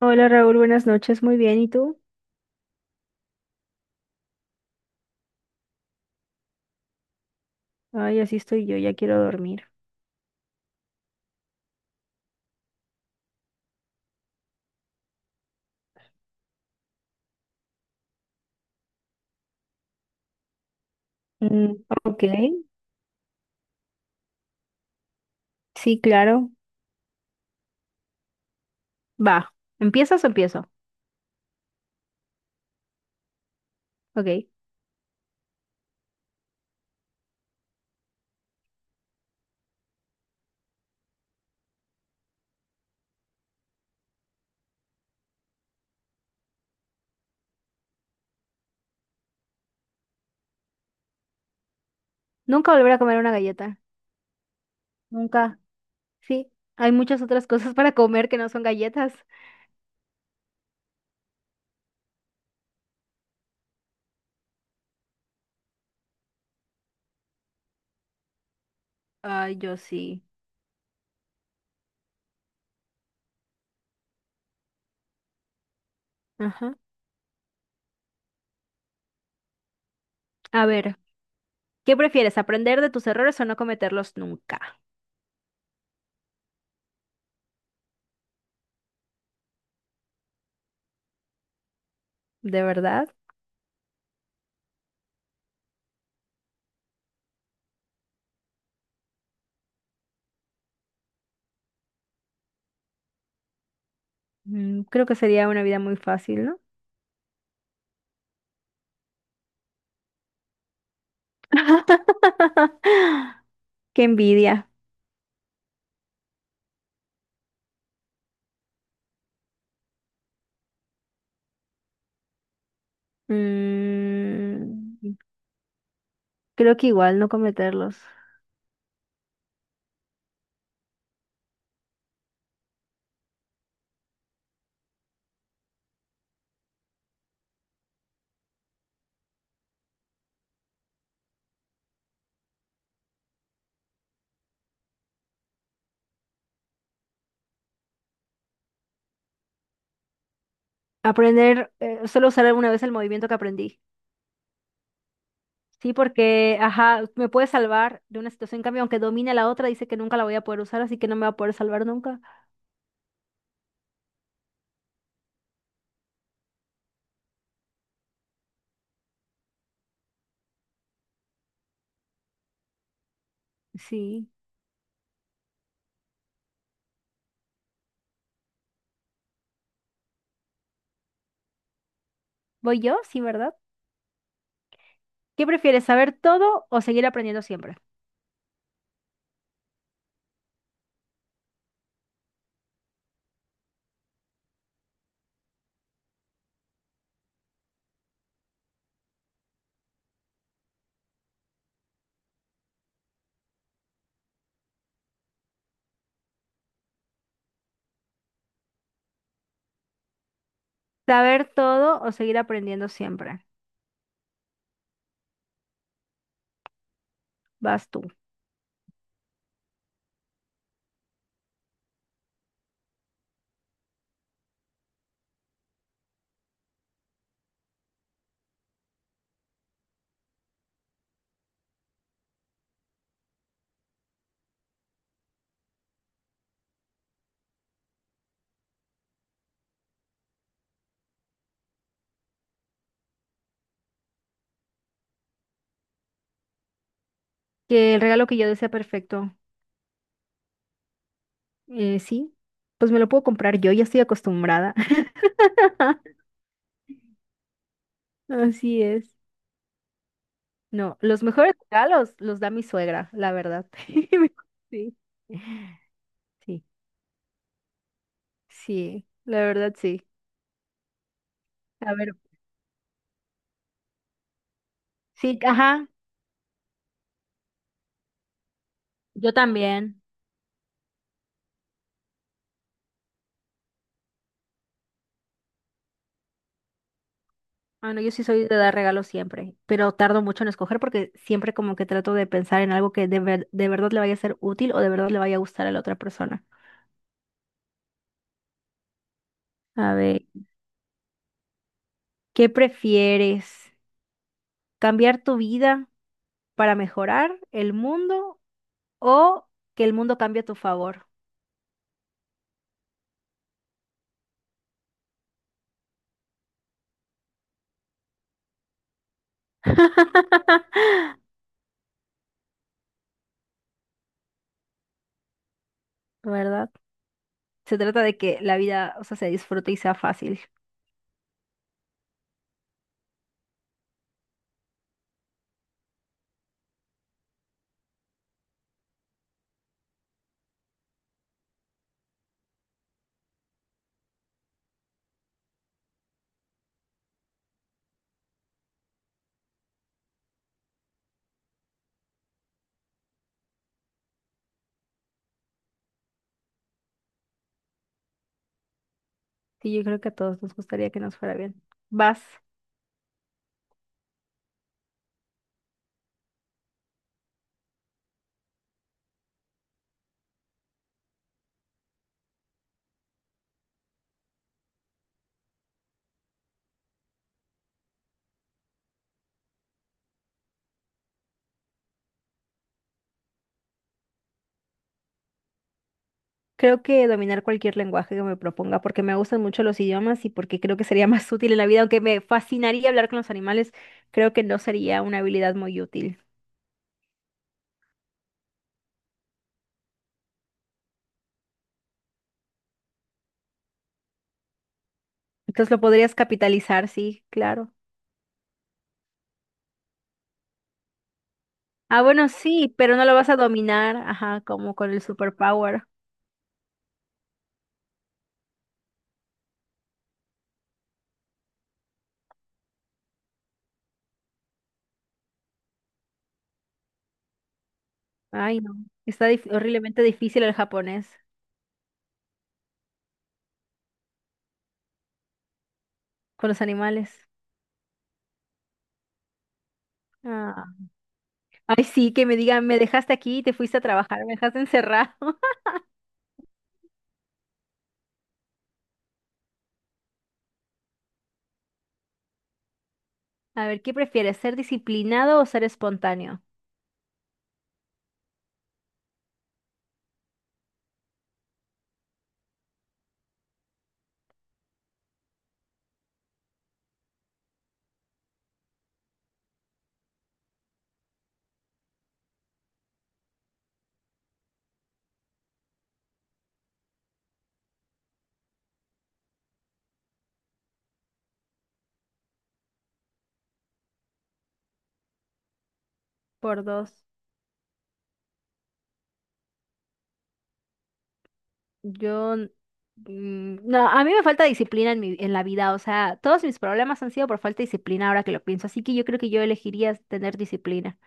Hola Raúl, buenas noches, muy bien, ¿y tú? Ay, así estoy yo, ya quiero dormir. Mm, ok, sí, claro. Va, ¿empiezas o empiezo? Ok. Nunca volver a comer una galleta. Nunca. Sí, hay muchas otras cosas para comer que no son galletas. Ay, yo sí. Ajá. A ver, ¿qué prefieres, aprender de tus errores o no cometerlos nunca? ¿De verdad? Mm, creo que sería una vida muy fácil, ¿no? Qué envidia. Mm, creo que igual no cometerlos. Aprender, solo usar alguna vez el movimiento que aprendí. Sí, porque, ajá, me puede salvar de una situación. En cambio, aunque domine la otra, dice que nunca la voy a poder usar, así que no me va a poder salvar nunca. Sí. ¿Voy yo? Sí, ¿verdad? ¿Qué prefieres, saber todo o seguir aprendiendo siempre? Saber todo o seguir aprendiendo siempre. Vas tú. Que el regalo que yo desea perfecto. Sí, pues me lo puedo comprar yo, ya estoy acostumbrada. Así es. No, los mejores regalos los da mi suegra, la verdad. Sí, sí, sí, la verdad sí. A ver, sí, ajá, yo también. Bueno, yo sí soy de dar regalos siempre, pero tardo mucho en escoger porque siempre como que trato de pensar en algo que de ver- de verdad le vaya a ser útil o de verdad le vaya a gustar a la otra persona. A ver, ¿qué prefieres? ¿Cambiar tu vida para mejorar el mundo o que el mundo cambie a tu favor? ¿Verdad? Se trata de que la vida, o sea, se disfrute y sea fácil. Y yo creo que a todos nos gustaría que nos fuera bien. Vas. Creo que dominar cualquier lenguaje que me proponga, porque me gustan mucho los idiomas y porque creo que sería más útil en la vida, aunque me fascinaría hablar con los animales, creo que no sería una habilidad muy útil. Entonces lo podrías capitalizar, sí, claro. Ah, bueno, sí, pero no lo vas a dominar, ajá, como con el superpower. Ay, no. Está dif- horriblemente difícil el japonés con los animales. Ah. Ay, sí, que me digan, me dejaste aquí y te fuiste a trabajar, me dejaste encerrado. A ver, ¿qué prefieres, ser disciplinado o ser espontáneo? Por dos. Yo, mm, no, a mí me falta disciplina en mi, en la vida, o sea, todos mis problemas han sido por falta de disciplina ahora que lo pienso, así que yo creo que yo elegiría tener disciplina,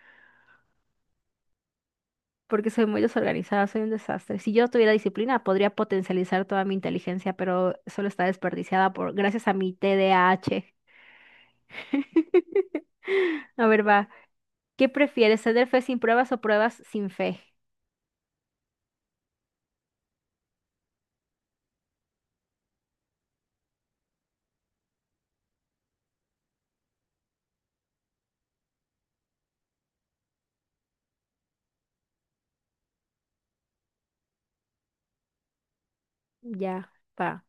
porque soy muy desorganizada, soy un desastre. Si yo tuviera disciplina, podría potencializar toda mi inteligencia, pero solo está desperdiciada por, gracias a mi TDAH. A H. A ver, va. ¿Qué prefieres, ceder fe sin pruebas o pruebas sin fe? Ya, va.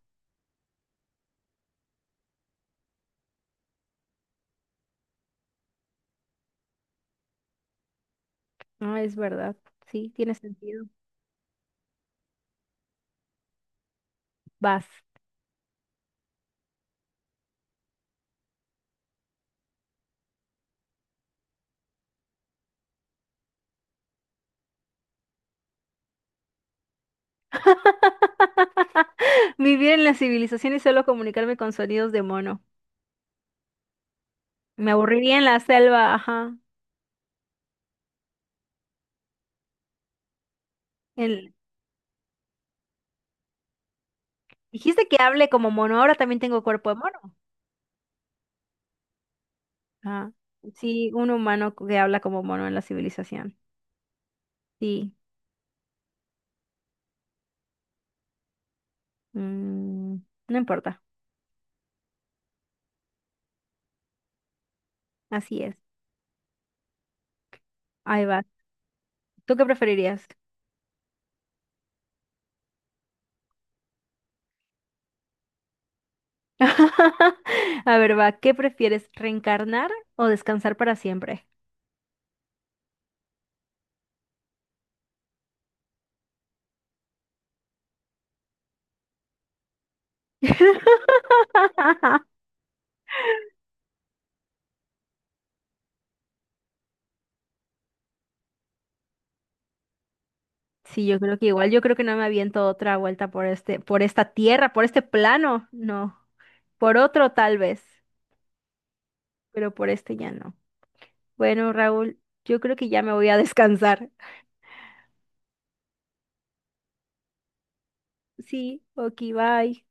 No, es verdad. Sí, tiene sentido. Vas. Vivir en la civilización y solo comunicarme con sonidos de mono. Me aburriría en la selva, ajá. En- Dijiste que hable como mono, ahora también tengo cuerpo de mono. Ah, sí, un humano que habla como mono en la civilización. Sí, mm, no importa, así es. Ahí va. ¿Tú qué preferirías? A ver, va, ¿qué prefieres, reencarnar o descansar para siempre? Sí, yo creo que igual, yo creo que no me aviento otra vuelta por este, por esta tierra, por este plano, no. Por otro tal vez, pero por este ya no. Bueno, Raúl, yo creo que ya me voy a descansar. Sí, ok, bye.